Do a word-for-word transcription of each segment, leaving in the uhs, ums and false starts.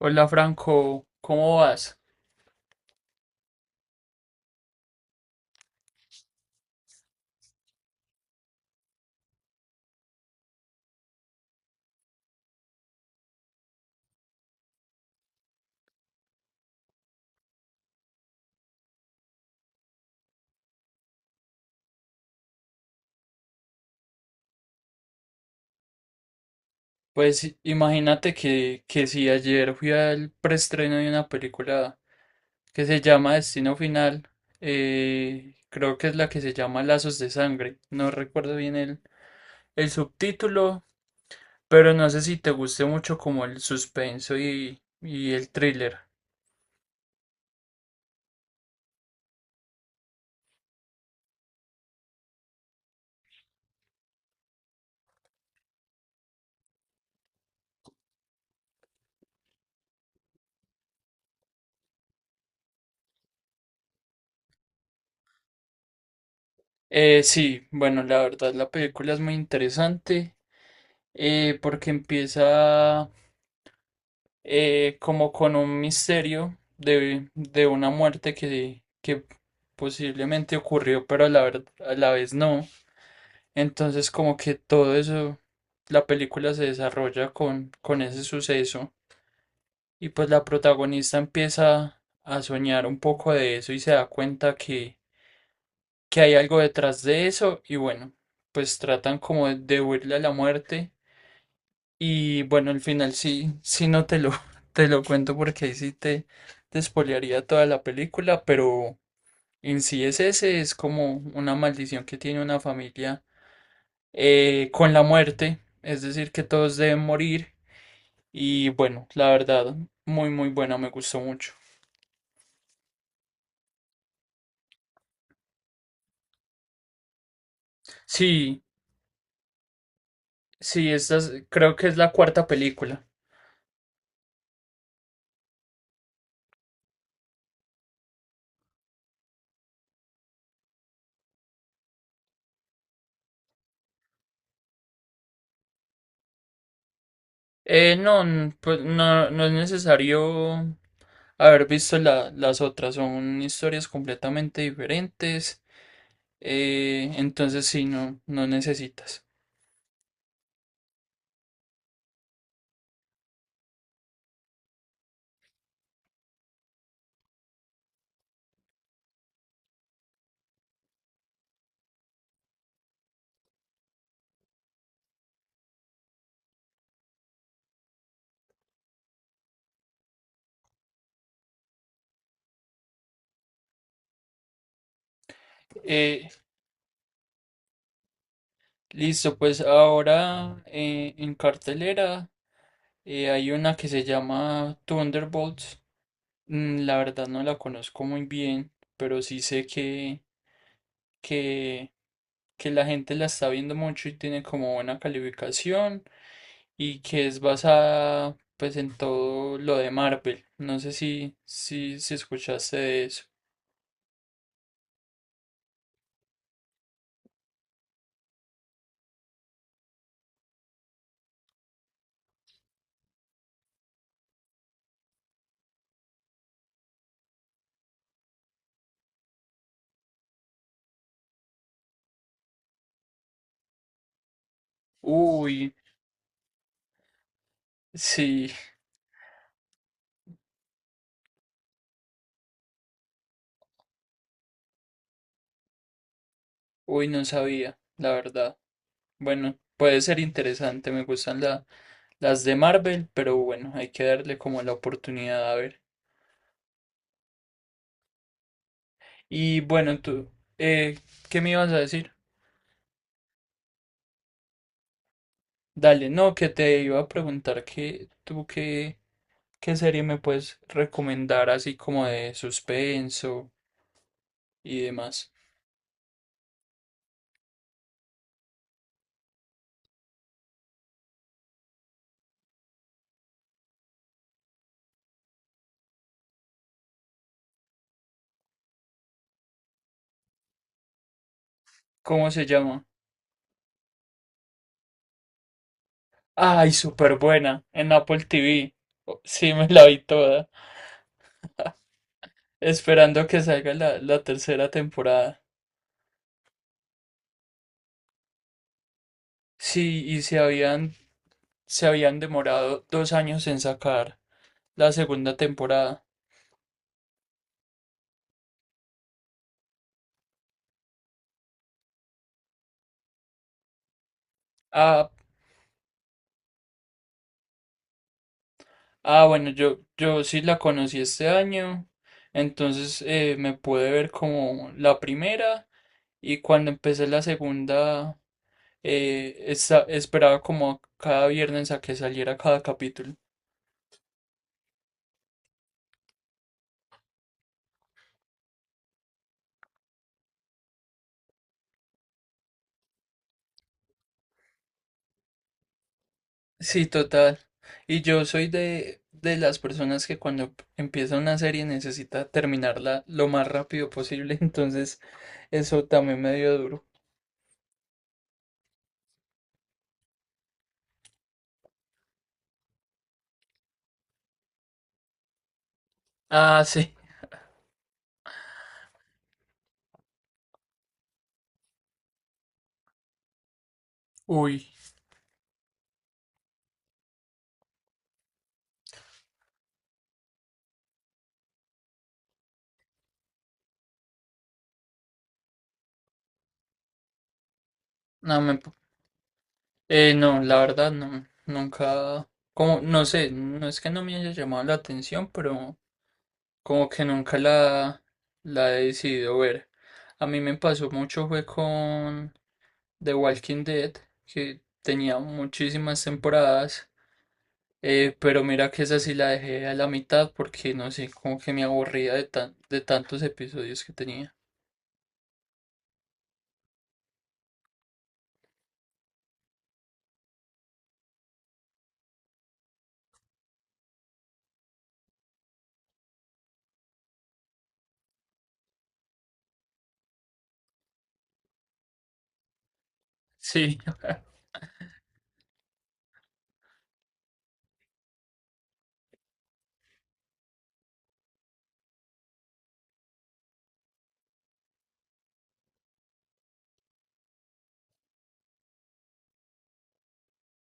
Hola Franco, ¿cómo vas? Pues imagínate que, que si ayer fui al preestreno de una película que se llama Destino Final. Eh, creo que es la que se llama Lazos de Sangre, no recuerdo bien el, el subtítulo, pero no sé si te guste mucho como el suspenso y, y el thriller. Eh, sí, bueno, la verdad la película es muy interesante, eh, porque empieza eh, como con un misterio de, de una muerte que, que posiblemente ocurrió, pero a la, ver- a la vez no. Entonces como que todo eso, la película se desarrolla con, con ese suceso y pues la protagonista empieza a soñar un poco de eso y se da cuenta que, que hay algo detrás de eso y bueno, pues tratan como de de huirle a la muerte. Y bueno, al final sí, sí no te lo, te lo cuento porque ahí sí te, te spoilearía toda la película, pero en sí es ese, es como una maldición que tiene una familia, eh, con la muerte, es decir, que todos deben morir y bueno, la verdad, muy muy buena, me gustó mucho. Sí, sí, esta es- creo que es la cuarta película. Eh, no, n- pues no, no es necesario haber visto la- las otras, son historias completamente diferentes. Eh, entonces sí, no, no necesitas. Eh, Listo, pues ahora eh, en cartelera eh, hay una que se llama Thunderbolts. Mm, la verdad no la conozco muy bien, pero sí sé que, que, que la gente la está viendo mucho y tiene como buena calificación y que es basada pues en todo lo de Marvel. No sé si, si, si escuchaste de eso. Uy, sí, uy, no sabía, la verdad. Bueno, puede ser interesante, me gustan la- las de Marvel, pero bueno, hay que darle como la oportunidad a ver. Y bueno, tú, eh, ¿qué me ibas a decir? Dale, no, que te iba a preguntar que tú qué, qué serie me puedes recomendar así como de suspenso y demás. ¿Cómo se llama? Ay, súper buena, en Apple T V. Oh, sí, me la vi toda, esperando que salga la, la tercera temporada. Sí, y se habían se habían demorado dos años en sacar la segunda temporada. Ah, ah, bueno, yo, yo sí la conocí este año, entonces eh, me pude ver como la primera y cuando empecé la segunda, eh, esa- esperaba como cada viernes a que saliera cada capítulo. Sí, total. Y yo soy de, de las personas que cuando empieza una serie necesita terminarla lo más rápido posible, entonces eso también me dio duro. Ah, sí. Uy, no me... po- Eh, no, la verdad no, nunca... Como, no sé, no es que no me haya llamado la atención, pero como que nunca la, la he decidido ver. A mí me pasó mucho fue con The Walking Dead, que tenía muchísimas temporadas, eh, pero mira que esa sí la dejé a la mitad porque no sé, como que me aburría de tan, de tantos episodios que tenía. Sí,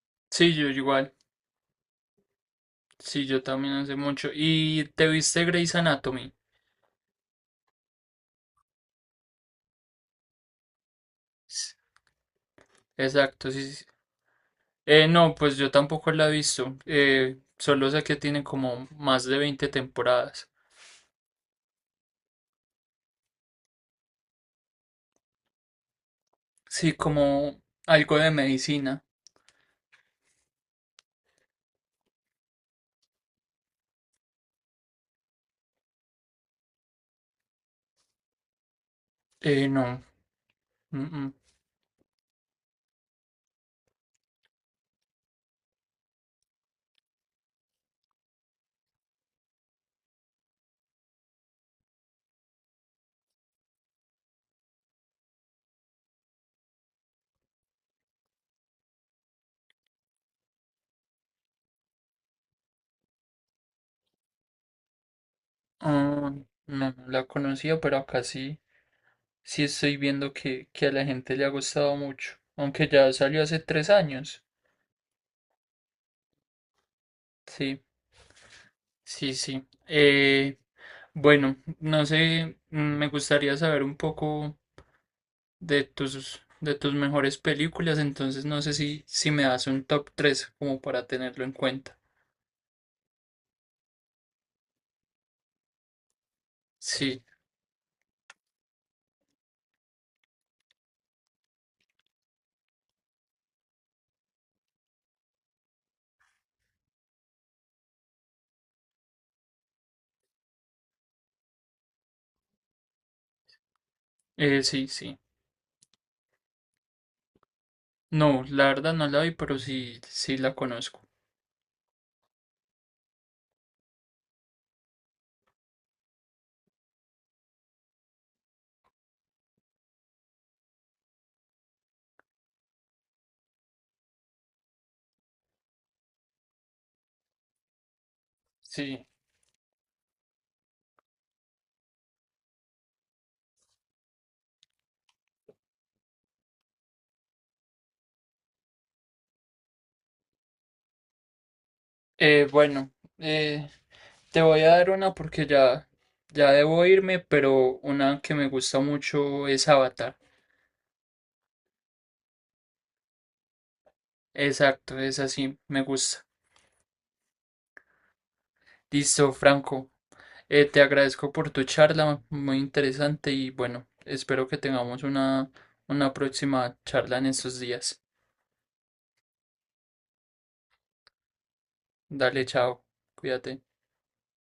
sí, yo igual. Sí, yo también hace mucho. ¿Y te viste Grey's Anatomy? Exacto, sí, sí, sí. Eh, no, pues yo tampoco la he visto. Eh, solo sé que tiene como más de veinte temporadas. Sí, como algo de medicina. Eh, no. mm, mm, ah, no, no la conocía, pero acá sí. Sí estoy viendo que, que a la gente le ha gustado mucho. Aunque ya salió hace tres años. Sí, sí, sí. Eh, bueno, no sé, mm, me gustaría saber un poco de tus, de tus mejores películas, entonces no sé si, si me das un top tres como para tenerlo en cuenta. Sí, eh, sí, sí. No, la verdad no la vi, pero sí, sí la conozco. Sí. Eh, bueno, eh, te voy a dar una porque ya, ya debo irme, pero una que me gusta mucho es Avatar. Exacto, es así, me gusta. Listo, Franco. Eh, te agradezco por tu charla, muy interesante y bueno, espero que tengamos una, una próxima charla en estos días. Dale, chao, cuídate.